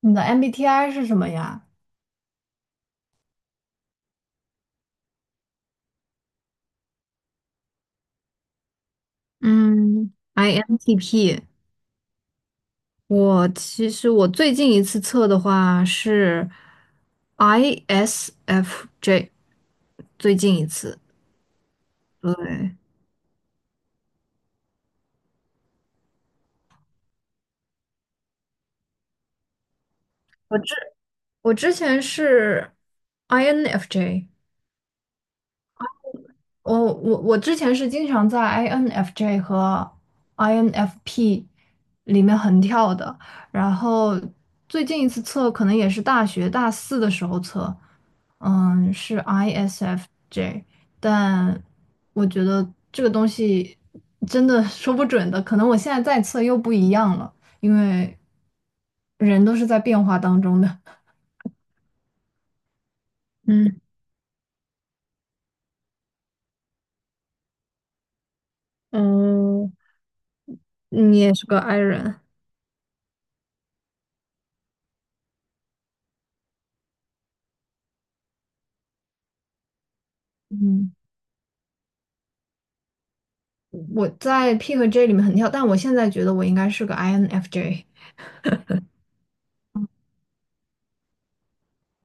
你的 MBTI 是什么呀？嗯，INTP，我其实最近一次测的话是 ISFJ，最近一次。对，我之我之前是 INFJ，我之前是经常在 INFJ 和 INFP 里面横跳的，然后最近一次测可能也是大学大四的时候测，嗯，是 ISFJ，但我觉得这个东西真的说不准的，可能我现在再测又不一样了，因为人都是在变化当中的。嗯，哦，你也是个 i 人。嗯。我在 P 和 J 里面很跳，但我现在觉得我应该是个 INFJ。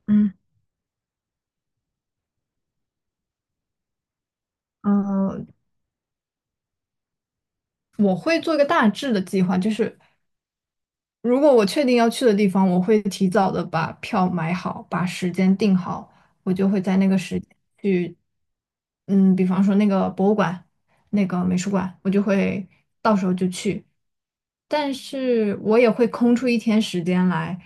嗯嗯、我会做一个大致的计划，就是如果我确定要去的地方，我会提早的把票买好，把时间定好，我就会在那个时间去，嗯，比方说那个博物馆、那个美术馆，我就会到时候就去。但是我也会空出一天时间来，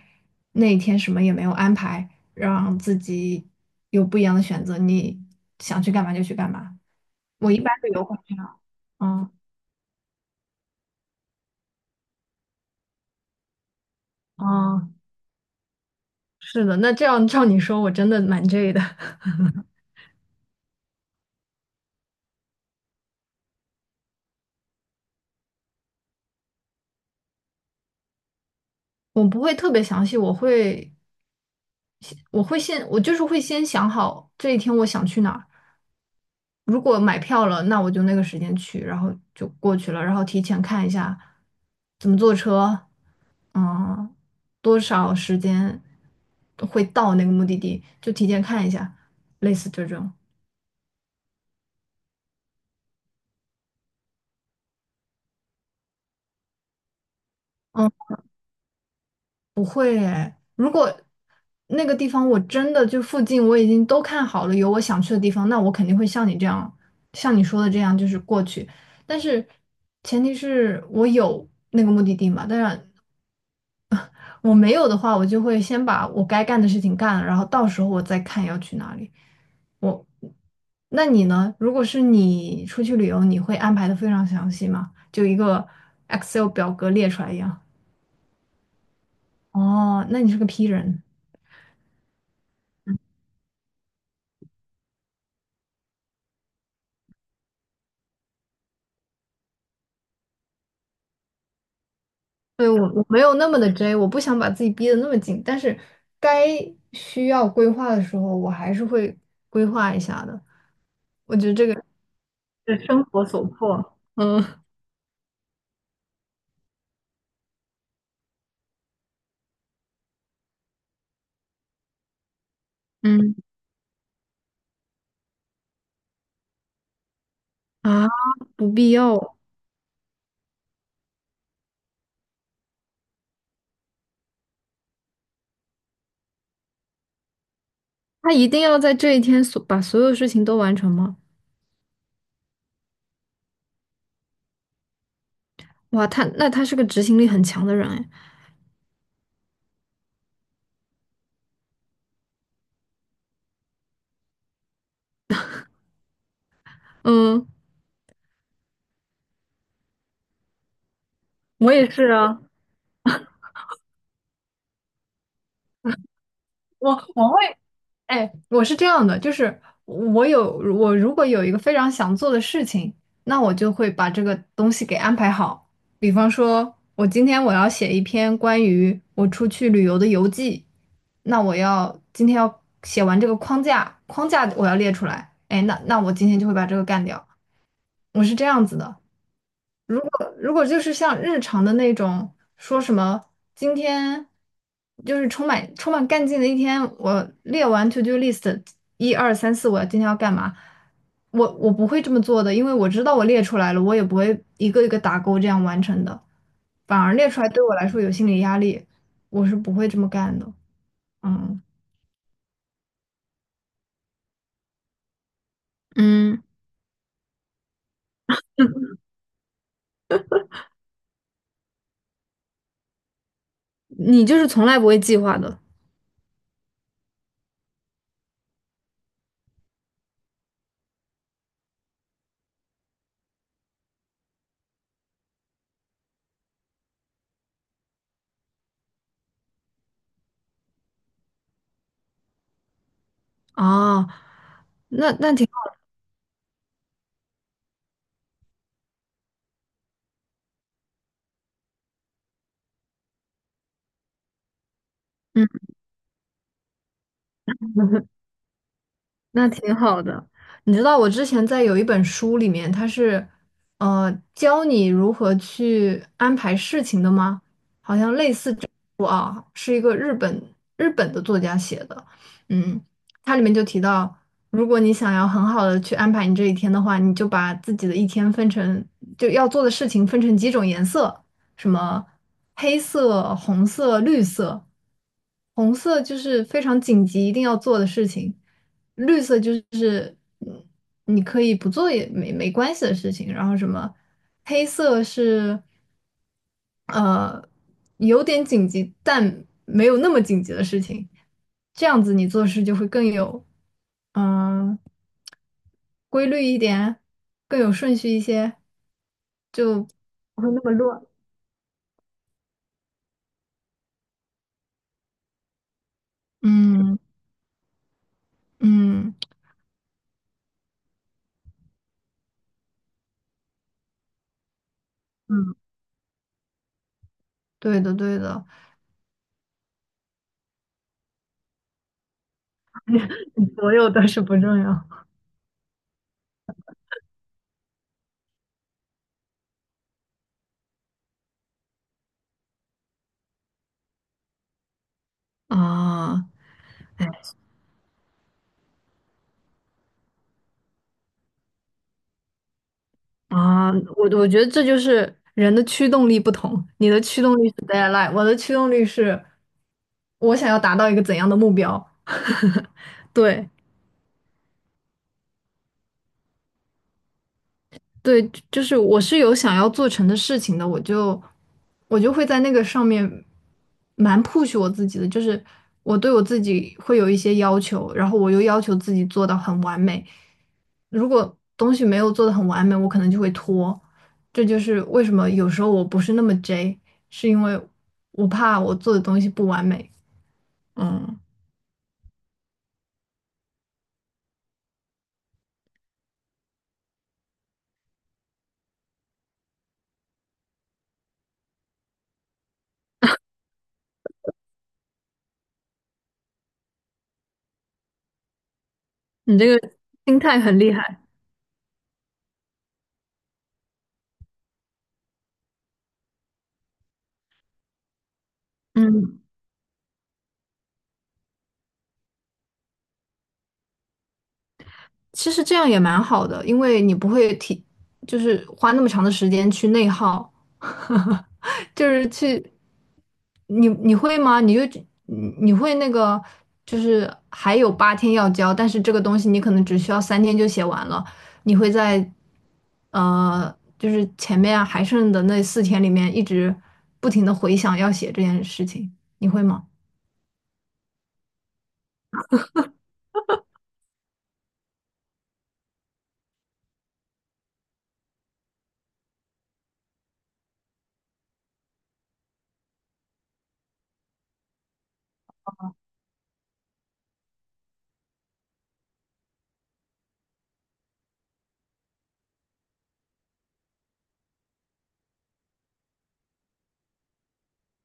那一天什么也没有安排，让自己有不一样的选择，你想去干嘛就去干嘛。我一般都游会这样，嗯嗯，是的，那这样照你说，我真的蛮 J 的。我不会特别详细，我就是会先想好这一天我想去哪儿。如果买票了，那我就那个时间去，然后就过去了，然后提前看一下怎么坐车，嗯，多少时间会到那个目的地，就提前看一下，类似这种。嗯，不，如果那个地方我真的就附近我已经都看好了，有我想去的地方，那我肯定会像你这样，像你说的这样，就是过去。但是前提是我有那个目的地嘛，当然我没有的话，我就会先把我该干的事情干了，然后到时候我再看要去哪里。我，那你呢？如果是你出去旅游，你会安排的非常详细吗？就一个 Excel 表格列出来一样。哦，那你是个 P 人。对，我没有那么的 J，我不想把自己逼得那么紧，但是该需要规划的时候，我还是会规划一下的。是生活所迫。嗯嗯啊，不必要，他一定要在这一天所把所有事情都完成吗？哇，他那他是个执行力很强的人哎。嗯，我也是啊，哎，我是这样的，就是我如果有一个非常想做的事情，那我就会把这个东西给安排好。比方说，我今天我要写一篇关于我出去旅游的游记，那我要今天要写完这个框架，框架我要列出来。哎，那我今天就会把这个干掉。我是这样子的。如果就是像日常的那种，说什么今天就是充满干劲的一天，我列完 to do list 一二三四，我要今天要干嘛？我不会这么做的，因为我知道我列出来了，我也不会一个一个打勾这样完成的，反而列出来对我来说有心理压力，我是不会这么干的。嗯，嗯，你就是从来不会计划的哦，那挺好。嗯。那挺好的。你知道我之前在有一本书里面，它是教你如何去安排事情的吗？好像类似这本书啊，是一个日本的作家写的。嗯，它里面就提到，如果你想要很好的去安排你这一天的话，你就把自己的一天分成就要做的事情分成几种颜色。什么黑色、红色、绿色。红色就是非常紧急一定要做的事情，绿色就是嗯你可以不做也没没关系的事情。然后什么黑色是呃有点紧急，但没有那么紧急的事情。这样子你做事就会更有嗯、呃规律一点，更有顺序一些，就不会那么乱。嗯嗯嗯。对的，对的。所有都是不重要。啊，哎啊，我觉得这就是人的驱动力不同。你的驱动力是 deadline，我的驱动力是我想要达到一个怎样的目标。对，对，就是我是有想要做成的事情的，我就会在那个上面蛮 push 我自己的，就是我对我自己会有一些要求，然后我又要求自己做到很完美。如果东西没有做的很完美，我可能就会拖。这就是为什么有时候我不是那么 J，是因为我怕我做的东西不完美。嗯，你这个心态很厉害。嗯。其实这样也蛮好的，因为你不会提，就是花那么长的时间去内耗，就是去，你你会吗？你会那个，就是还有八天要交，但是这个东西你可能只需要三天就写完了，你会在就是前面啊还剩的那四天里面一直不停的回想要写这件事情，你会吗？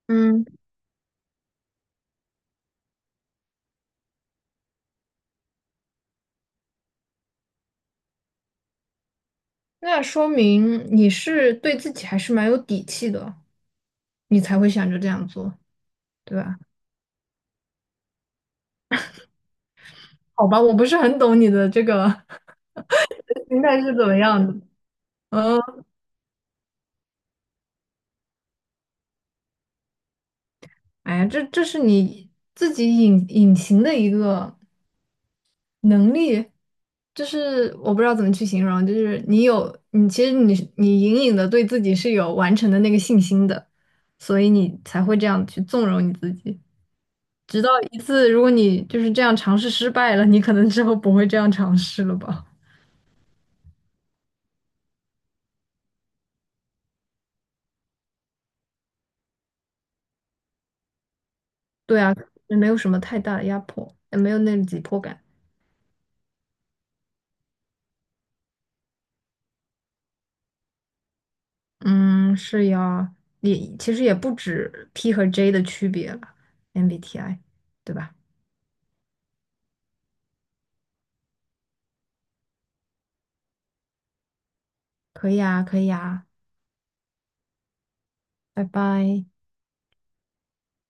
嗯，那说明你是对自己还是蛮有底气的。你才会想着这样做，对吧？好吧，我不是很懂你的这个 心态是怎么样的。嗯，哎呀，这是你自己隐隐形的一个能力，就是我不知道怎么去形容，就是你有你其实你隐隐的对自己是有完成的那个信心的，所以你才会这样去纵容你自己。直到一次，如果你就是这样尝试失败了，你可能之后不会这样尝试了吧？对啊，也没有什么太大的压迫，也没有那种紧迫感。嗯，是呀，也其实也不止 P 和 J 的区别了，MBTI，对吧？可以啊，可以啊，拜拜。